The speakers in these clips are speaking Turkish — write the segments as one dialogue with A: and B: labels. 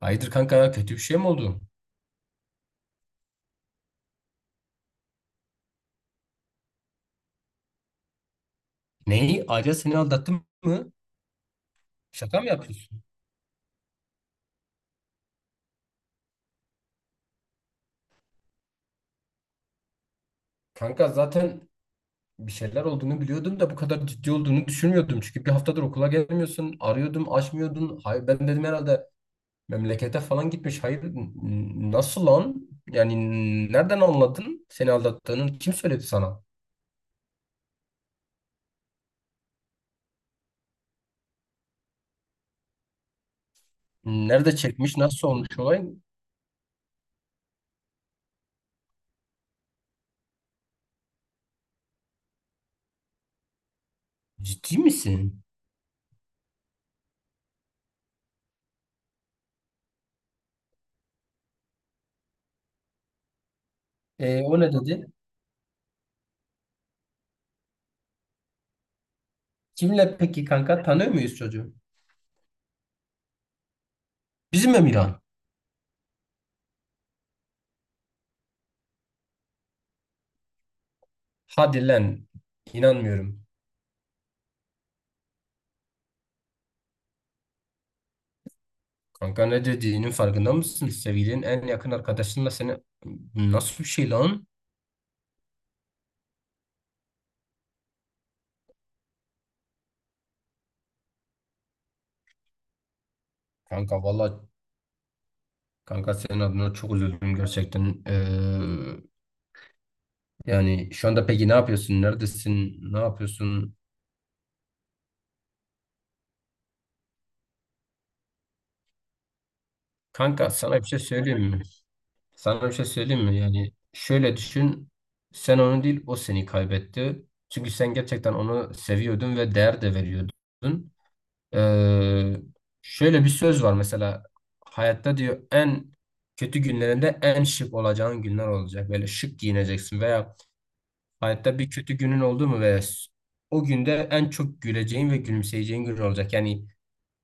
A: Hayırdır kanka kötü bir şey mi oldu? Neyi? Ayrıca seni aldattım mı? Şaka mı yapıyorsun? Kanka zaten bir şeyler olduğunu biliyordum da bu kadar ciddi olduğunu düşünmüyordum. Çünkü bir haftadır okula gelmiyorsun. Arıyordum, açmıyordun. Hayır, ben dedim herhalde memlekete falan gitmiş. Hayır, nasıl lan? Yani nereden anladın seni aldattığını? Kim söyledi sana? Nerede çekmiş? Nasıl olmuş olay? Ciddi misin? O ne dedi? Kimle peki kanka? Tanıyor muyuz çocuğu? Bizim Emirhan. Hadi lan. İnanmıyorum. Kanka ne dediğinin farkında mısın? Sevgilinin en yakın arkadaşınla seni nasıl bir şey lan? Kanka valla kanka senin adına çok üzüldüm gerçekten. Yani şu anda peki ne yapıyorsun? Neredesin? Ne yapıyorsun? Kanka sana bir şey söyleyeyim mi? Sana bir şey söyleyeyim mi? Yani şöyle düşün. Sen onu değil o seni kaybetti. Çünkü sen gerçekten onu seviyordun ve değer de veriyordun. Ee, Şöyle bir söz var mesela hayatta diyor en kötü günlerinde en şık olacağın günler olacak. Böyle şık giyineceksin veya hayatta bir kötü günün oldu mu veya o günde en çok güleceğin ve gülümseyeceğin gün olacak. Yani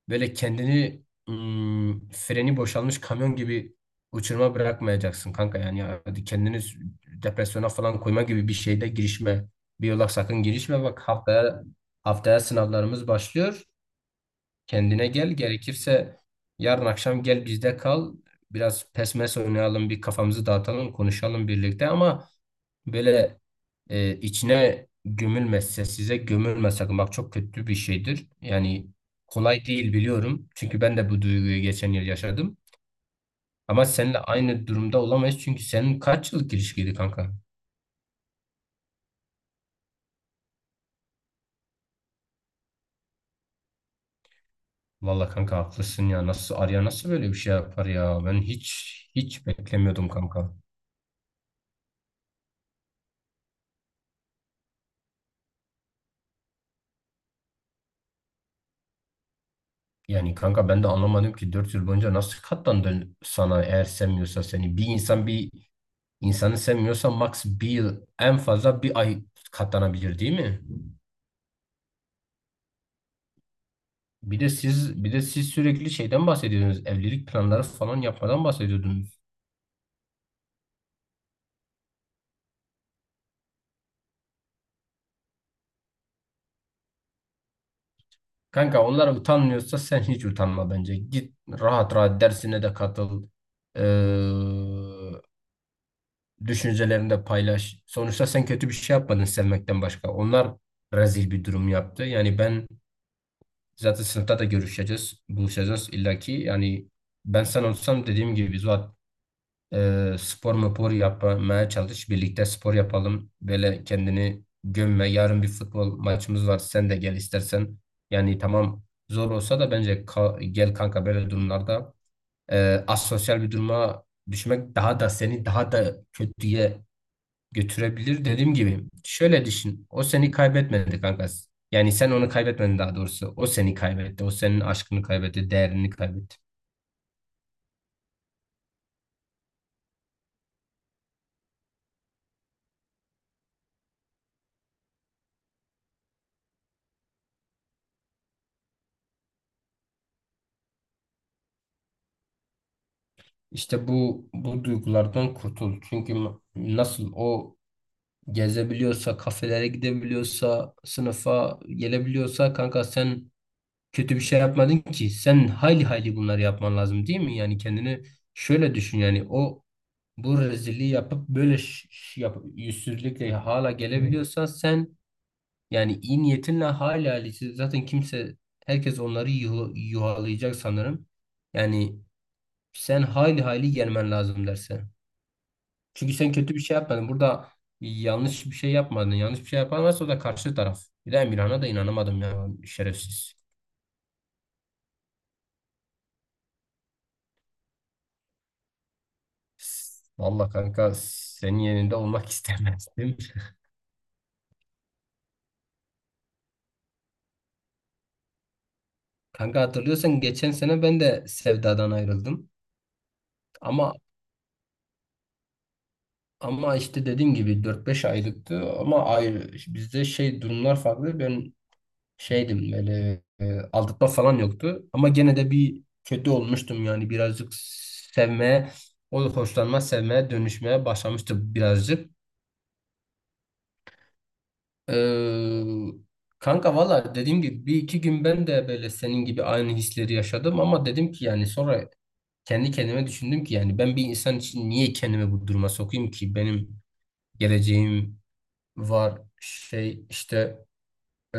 A: böyle kendini freni boşalmış kamyon gibi uçuruma bırakmayacaksın kanka. Yani hadi kendini depresyona falan koyma gibi bir şeyde girişme. Bir yola sakın girişme. Bak haftaya haftaya sınavlarımız başlıyor. Kendine gel gerekirse yarın akşam gel bizde kal. Biraz pesmes oynayalım, bir kafamızı dağıtalım, konuşalım birlikte ama böyle içine gömülmezse size gömülme sakın. Bak çok kötü bir şeydir. Yani kolay değil biliyorum. Çünkü ben de bu duyguyu geçen yıl yaşadım. Ama seninle aynı durumda olamayız. Çünkü senin kaç yıllık ilişkiydi kanka? Valla kanka haklısın ya. Nasıl Arya nasıl böyle bir şey yapar ya? Ben hiç beklemiyordum kanka. Yani kanka ben de anlamadım ki 4 yıl boyunca nasıl katlandın sana eğer sevmiyorsa seni. Bir insan bir insanı sevmiyorsa max bir yıl en fazla bir ay katlanabilir değil mi? Bir de siz sürekli şeyden bahsediyorsunuz. Evlilik planları falan yapmadan bahsediyordunuz. Kanka onlar utanmıyorsa sen hiç utanma bence. Git rahat rahat dersine de katıl. Ee, Düşüncelerini de paylaş. Sonuçta sen kötü bir şey yapmadın sevmekten başka. Onlar rezil bir durum yaptı. Yani ben zaten sınıfta da görüşeceğiz, buluşacağız illaki. Yani ben sen olsam dediğim gibi Zuhat, spor mupor yapmaya çalış. Birlikte spor yapalım. Böyle kendini gömme. Yarın bir futbol maçımız var. Sen de gel istersen. Yani tamam zor olsa da bence gel kanka, böyle durumlarda asosyal bir duruma düşmek daha da seni daha da kötüye götürebilir dediğim gibi. Şöyle düşün. O seni kaybetmedi kanka. Yani sen onu kaybetmedin daha doğrusu. O seni kaybetti. O senin aşkını kaybetti. Değerini kaybetti. İşte bu duygulardan kurtul. Çünkü nasıl o gezebiliyorsa, kafelere gidebiliyorsa, sınıfa gelebiliyorsa kanka sen kötü bir şey yapmadın ki. Sen hayli hayli bunları yapman lazım değil mi? Yani kendini şöyle düşün, yani o bu rezilliği yapıp böyle yap, yüzsüzlükle hala gelebiliyorsan sen. Yani iyi niyetinle hala zaten kimse, herkes onları yuh yuhalayacak sanırım. Yani sen hayli hayli gelmen lazım derse. Çünkü sen kötü bir şey yapmadın. Burada yanlış bir şey yapmadın. Yanlış bir şey yapan varsa o da karşı taraf. Bir de Emirhan'a da inanamadım ya şerefsiz. Vallahi kanka senin yerinde olmak istemezdim. Kanka hatırlıyorsan geçen sene ben de Sevda'dan ayrıldım. Ama ama işte dediğim gibi dört beş aylıktı, ama ayrı, bizde şey durumlar farklı. Ben şeydim böyle, aldatma falan yoktu. Ama gene de bir kötü olmuştum yani birazcık sevmeye, o hoşlanma sevmeye dönüşmeye başlamıştı birazcık. Ee, Kanka valla dediğim gibi bir iki gün ben de böyle senin gibi aynı hisleri yaşadım ama dedim ki yani sonra kendi kendime düşündüm ki yani ben bir insan için niye kendimi bu duruma sokayım ki, benim geleceğim var, şey işte, e,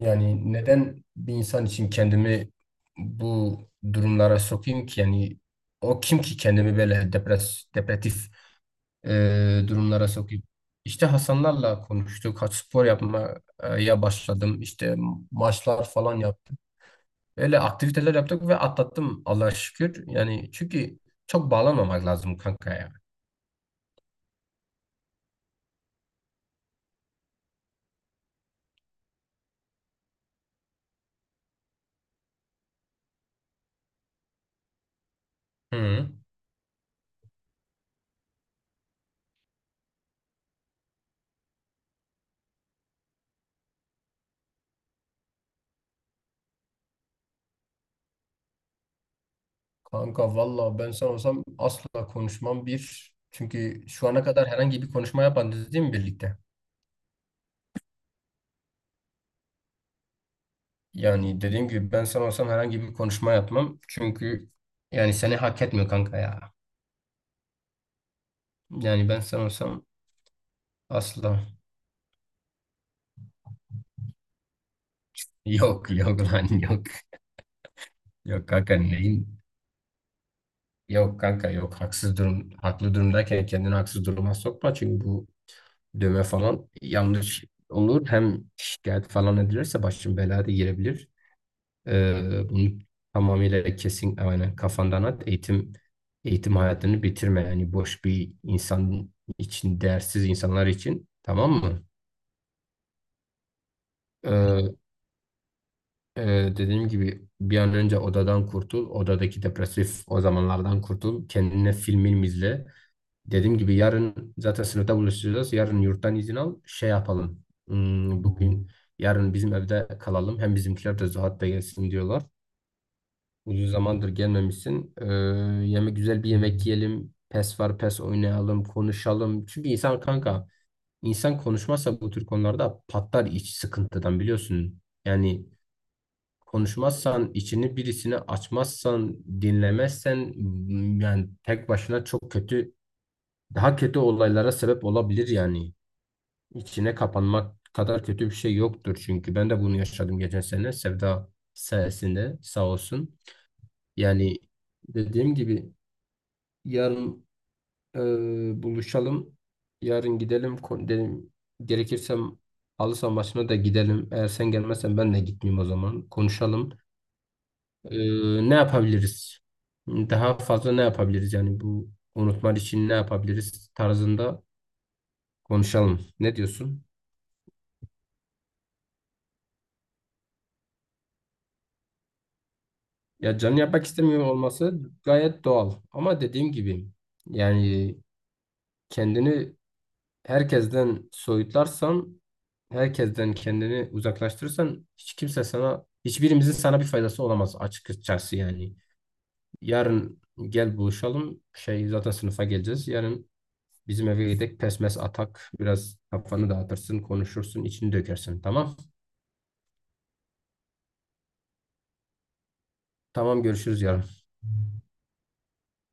A: yani neden bir insan için kendimi bu durumlara sokayım ki? Yani o kim ki kendimi böyle depresif durumlara sokayım? İşte Hasanlarla konuştuk. Haç spor yapmaya başladım. İşte maçlar falan yaptım. Öyle aktiviteler yaptık ve atlattım Allah'a şükür. Yani çünkü çok bağlanmamak lazım kanka ya. Hı. Kanka valla ben sen olsam asla konuşmam bir. Çünkü şu ana kadar herhangi bir konuşma yapmadınız değil mi birlikte? Yani dediğim gibi ben sen olsam herhangi bir konuşma yapmam. Çünkü yani seni hak etmiyor kanka ya. Yani ben sen olsam asla. Yok yok lan yok. Yok kanka neyin? Yok kanka yok. Haksız durum, haklı durumdayken kendini haksız duruma sokma. Çünkü bu dövme falan yanlış olur. Hem şikayet falan edilirse başın belaya da girebilir. Bunu tamamıyla kesin yani kafandan at. Eğitim hayatını bitirme. Yani boş bir insan için, değersiz insanlar için. Tamam mı? Ee, e, Dediğim gibi bir an önce odadan kurtul. Odadaki depresif o zamanlardan kurtul. Kendine film milm izle. Dediğim gibi yarın zaten sınıfta buluşacağız. Yarın yurttan izin al. Şey yapalım. Hmm, bugün yarın bizim evde kalalım. Hem bizimkiler de Zuhat da gelsin diyorlar. Uzun zamandır gelmemişsin. Yeme güzel bir yemek yiyelim. PES var, PES oynayalım, konuşalım. Çünkü insan kanka, insan konuşmazsa bu tür konularda patlar iç sıkıntıdan biliyorsun. Yani konuşmazsan, içini birisine açmazsan, dinlemezsen, yani tek başına çok kötü, daha kötü olaylara sebep olabilir yani. İçine kapanmak kadar kötü bir şey yoktur, çünkü ben de bunu yaşadım geçen sene Sevda sayesinde sağ olsun. Yani dediğim gibi yarın, e, buluşalım. Yarın gidelim. Dedim, gerekirse halı saha maçına da gidelim. Eğer sen gelmezsen ben de gitmeyeyim o zaman. Konuşalım. E, Ne yapabiliriz? Daha fazla ne yapabiliriz? Yani bu unutmak için ne yapabiliriz tarzında konuşalım. Ne diyorsun? Ya canı yapmak istemiyor olması gayet doğal. Ama dediğim gibi yani kendini herkesten soyutlarsan, herkesten kendini uzaklaştırırsan hiç kimse sana, hiçbirimizin sana bir faydası olamaz açıkçası yani. Yarın gel buluşalım. Şey zaten sınıfa geleceğiz. Yarın bizim eve gidelim. Pesmes atak. Biraz kafanı dağıtırsın, konuşursun, içini dökersin. Tamam. Tamam görüşürüz yarın.